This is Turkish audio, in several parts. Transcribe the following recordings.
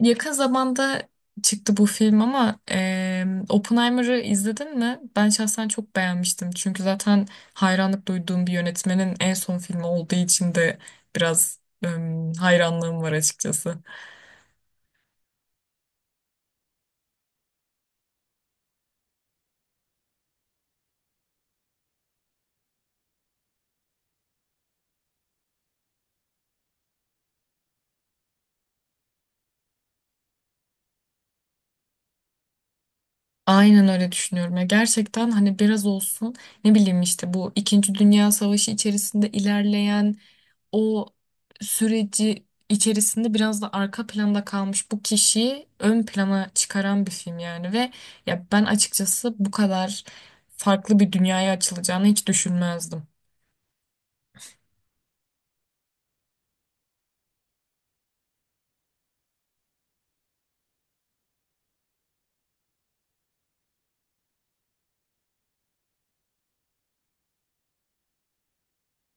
Yakın zamanda çıktı bu film ama Oppenheimer'ı izledin mi? Ben şahsen çok beğenmiştim. Çünkü zaten hayranlık duyduğum bir yönetmenin en son filmi olduğu için de biraz hayranlığım var açıkçası. Aynen öyle düşünüyorum ya. Gerçekten hani biraz olsun ne bileyim işte bu İkinci Dünya Savaşı içerisinde ilerleyen o süreci içerisinde biraz da arka planda kalmış bu kişiyi ön plana çıkaran bir film yani ve ya ben açıkçası bu kadar farklı bir dünyaya açılacağını hiç düşünmezdim.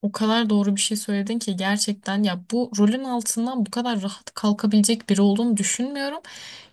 O kadar doğru bir şey söyledin ki gerçekten ya bu rolün altından bu kadar rahat kalkabilecek biri olduğunu düşünmüyorum.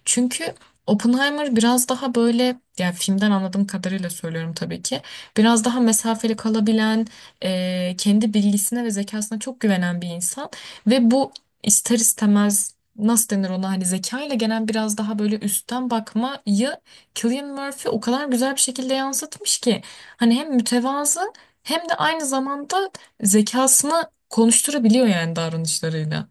Çünkü Oppenheimer biraz daha böyle, yani filmden anladığım kadarıyla söylüyorum tabii ki. Biraz daha mesafeli kalabilen, kendi bilgisine ve zekasına çok güvenen bir insan ve bu ister istemez nasıl denir ona, hani zekayla gelen biraz daha böyle üstten bakmayı Cillian Murphy o kadar güzel bir şekilde yansıtmış ki hani hem mütevazı hem de aynı zamanda zekasını konuşturabiliyor yani davranışlarıyla.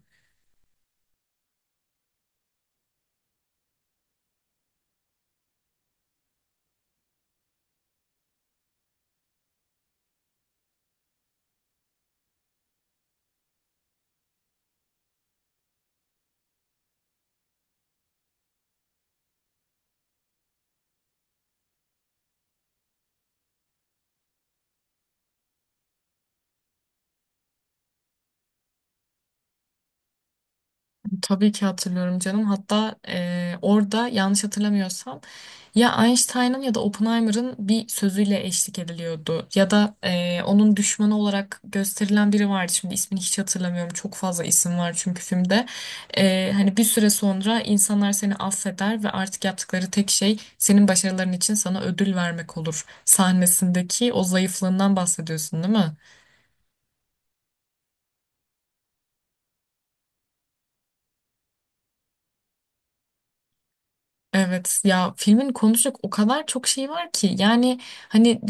Tabii ki hatırlıyorum canım. Hatta orada yanlış hatırlamıyorsam ya Einstein'ın ya da Oppenheimer'ın bir sözüyle eşlik ediliyordu. Ya da onun düşmanı olarak gösterilen biri vardı. Şimdi ismini hiç hatırlamıyorum. Çok fazla isim var çünkü filmde. Hani bir süre sonra insanlar seni affeder ve artık yaptıkları tek şey senin başarıların için sana ödül vermek olur. Sahnesindeki o zayıflığından bahsediyorsun, değil mi? Evet ya filmin konuşacak o kadar çok şey var ki yani hani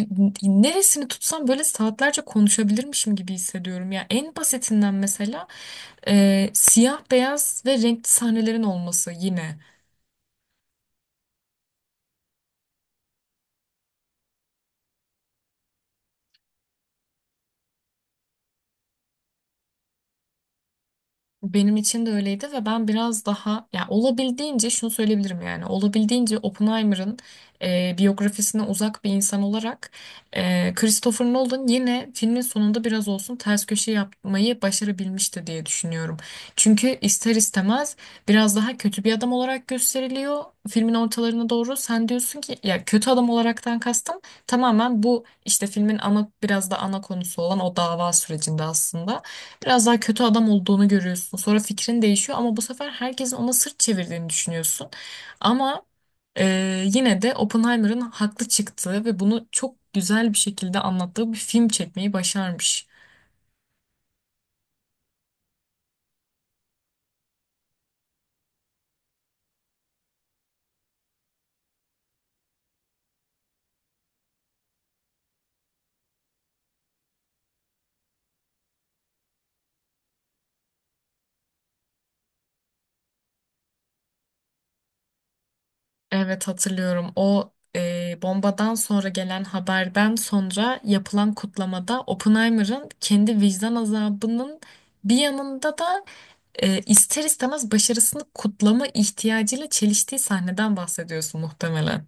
neresini tutsam böyle saatlerce konuşabilirmişim gibi hissediyorum. Ya en basitinden mesela siyah beyaz ve renkli sahnelerin olması yine. Benim için de öyleydi ve ben biraz daha ya olabildiğince şunu söyleyebilirim, yani olabildiğince Oppenheimer'ın biyografisine uzak bir insan olarak Christopher Nolan yine filmin sonunda biraz olsun ters köşe yapmayı başarabilmişti diye düşünüyorum. Çünkü ister istemez biraz daha kötü bir adam olarak gösteriliyor filmin ortalarına doğru. Sen diyorsun ki ya, kötü adam olaraktan kastım tamamen bu işte filmin ana, biraz da ana konusu olan o dava sürecinde aslında. Biraz daha kötü adam olduğunu görüyorsun. Sonra fikrin değişiyor ama bu sefer herkesin ona sırt çevirdiğini düşünüyorsun. Ama yine de Oppenheimer'ın haklı çıktığı ve bunu çok güzel bir şekilde anlattığı bir film çekmeyi başarmış. Evet, hatırlıyorum. O bombadan sonra gelen haberden sonra yapılan kutlamada Oppenheimer'ın kendi vicdan azabının bir yanında da ister istemez başarısını kutlama ihtiyacıyla çeliştiği sahneden bahsediyorsun muhtemelen.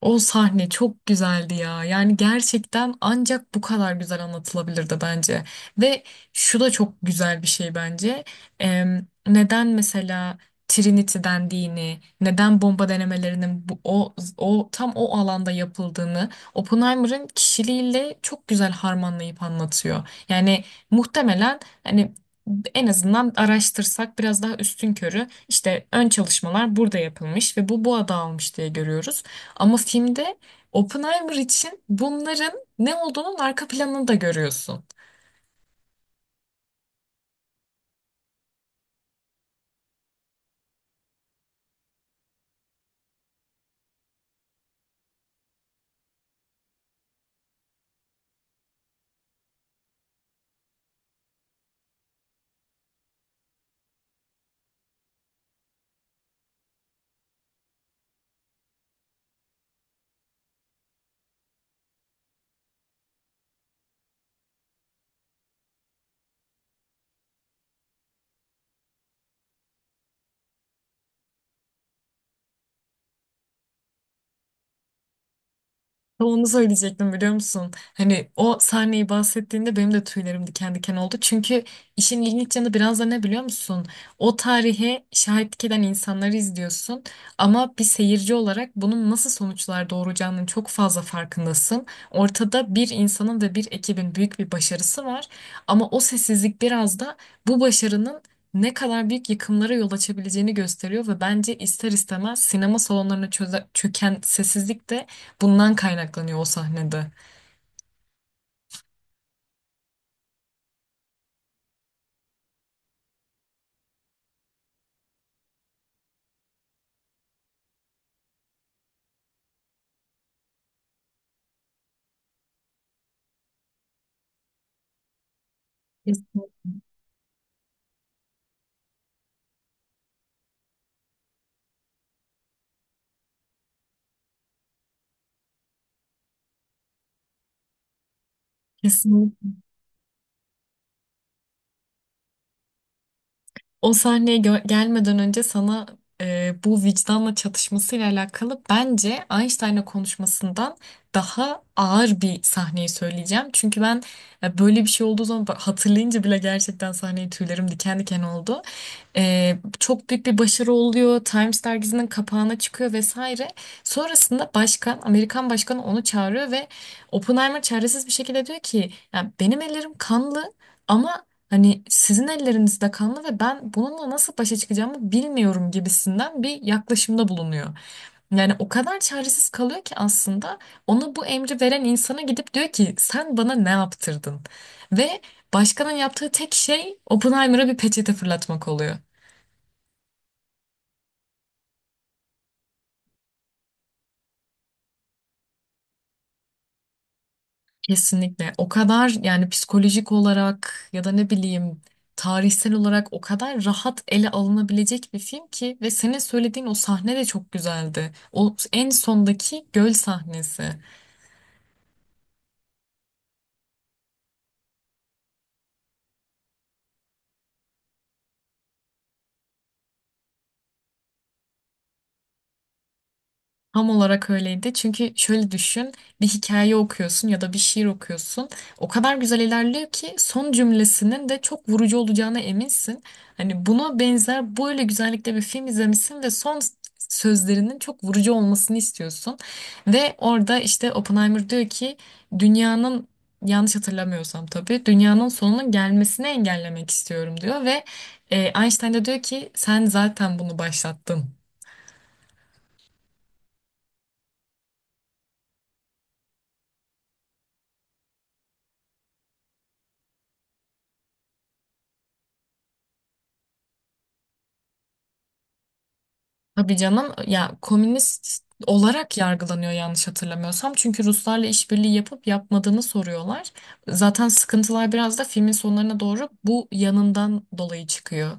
O sahne çok güzeldi ya. Yani gerçekten ancak bu kadar güzel anlatılabilirdi bence. Ve şu da çok güzel bir şey bence. Neden mesela Trinity dendiğini, neden bomba denemelerinin o tam o alanda yapıldığını Oppenheimer'ın kişiliğiyle çok güzel harmanlayıp anlatıyor. Yani muhtemelen hani en azından araştırsak biraz daha üstünkörü işte ön çalışmalar burada yapılmış ve bu adı almış diye görüyoruz. Ama filmde Oppenheimer için bunların ne olduğunun arka planını da görüyorsun. Tam onu söyleyecektim, biliyor musun? Hani o sahneyi bahsettiğinde benim de tüylerim diken diken oldu. Çünkü işin ilginç yanı biraz da ne, biliyor musun? O tarihe şahitlik eden insanları izliyorsun. Ama bir seyirci olarak bunun nasıl sonuçlar doğuracağının çok fazla farkındasın. Ortada bir insanın ve bir ekibin büyük bir başarısı var. Ama o sessizlik biraz da bu başarının ne kadar büyük yıkımlara yol açabileceğini gösteriyor ve bence ister istemez sinema salonlarına çöken sessizlik de bundan kaynaklanıyor o sahnede. Kesin. Kesin. O sahneye gelmeden önce sana bu vicdanla çatışmasıyla alakalı bence Einstein'la konuşmasından daha ağır bir sahneyi söyleyeceğim. Çünkü ben böyle bir şey olduğu zaman bak, hatırlayınca bile gerçekten sahneyi tüylerim diken diken oldu. Çok büyük bir başarı oluyor. Times dergisinin kapağına çıkıyor vesaire. Sonrasında başkan, Amerikan başkanı onu çağırıyor ve Oppenheimer çaresiz bir şekilde diyor ki ya, benim ellerim kanlı ama hani sizin elleriniz de kanlı ve ben bununla nasıl başa çıkacağımı bilmiyorum gibisinden bir yaklaşımda bulunuyor. Yani o kadar çaresiz kalıyor ki aslında ona bu emri veren insana gidip diyor ki sen bana ne yaptırdın? Ve başkanın yaptığı tek şey Oppenheimer'a bir peçete fırlatmak oluyor. Kesinlikle. O kadar yani psikolojik olarak ya da ne bileyim tarihsel olarak o kadar rahat ele alınabilecek bir film ki ve senin söylediğin o sahne de çok güzeldi. O en sondaki göl sahnesi. Tam olarak öyleydi. Çünkü şöyle düşün, bir hikaye okuyorsun ya da bir şiir okuyorsun. O kadar güzel ilerliyor ki son cümlesinin de çok vurucu olacağına eminsin. Hani buna benzer böyle güzellikte bir film izlemişsin ve son sözlerinin çok vurucu olmasını istiyorsun. Ve orada işte Oppenheimer diyor ki dünyanın, yanlış hatırlamıyorsam tabii, dünyanın sonunun gelmesini engellemek istiyorum diyor ve Einstein de diyor ki sen zaten bunu başlattın. Tabii canım, ya komünist olarak yargılanıyor yanlış hatırlamıyorsam. Çünkü Ruslarla işbirliği yapıp yapmadığını soruyorlar. Zaten sıkıntılar biraz da filmin sonlarına doğru bu yanından dolayı çıkıyor.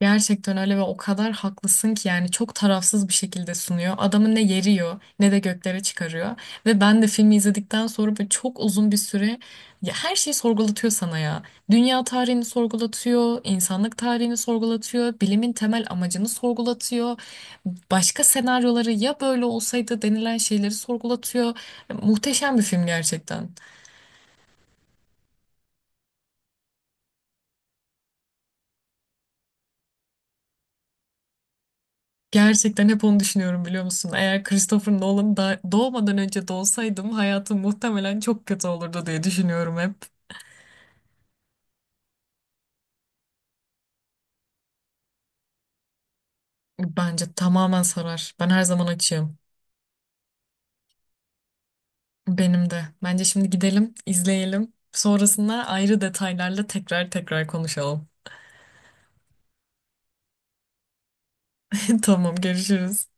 Gerçekten öyle ve o kadar haklısın ki yani çok tarafsız bir şekilde sunuyor. Adamı ne yeriyor ne de göklere çıkarıyor. Ve ben de filmi izledikten sonra böyle çok uzun bir süre ya her şeyi sorgulatıyor sana ya. Dünya tarihini sorgulatıyor, insanlık tarihini sorgulatıyor, bilimin temel amacını sorgulatıyor. Başka senaryoları, ya böyle olsaydı denilen şeyleri sorgulatıyor. Muhteşem bir film gerçekten. Gerçekten hep onu düşünüyorum, biliyor musun? Eğer Christopher Nolan da doğmadan önce doğsaydım hayatım muhtemelen çok kötü olurdu diye düşünüyorum hep. Bence tamamen sarar. Ben her zaman açığım. Benim de. Bence şimdi gidelim, izleyelim. Sonrasında ayrı detaylarla tekrar tekrar konuşalım. Tamam, görüşürüz.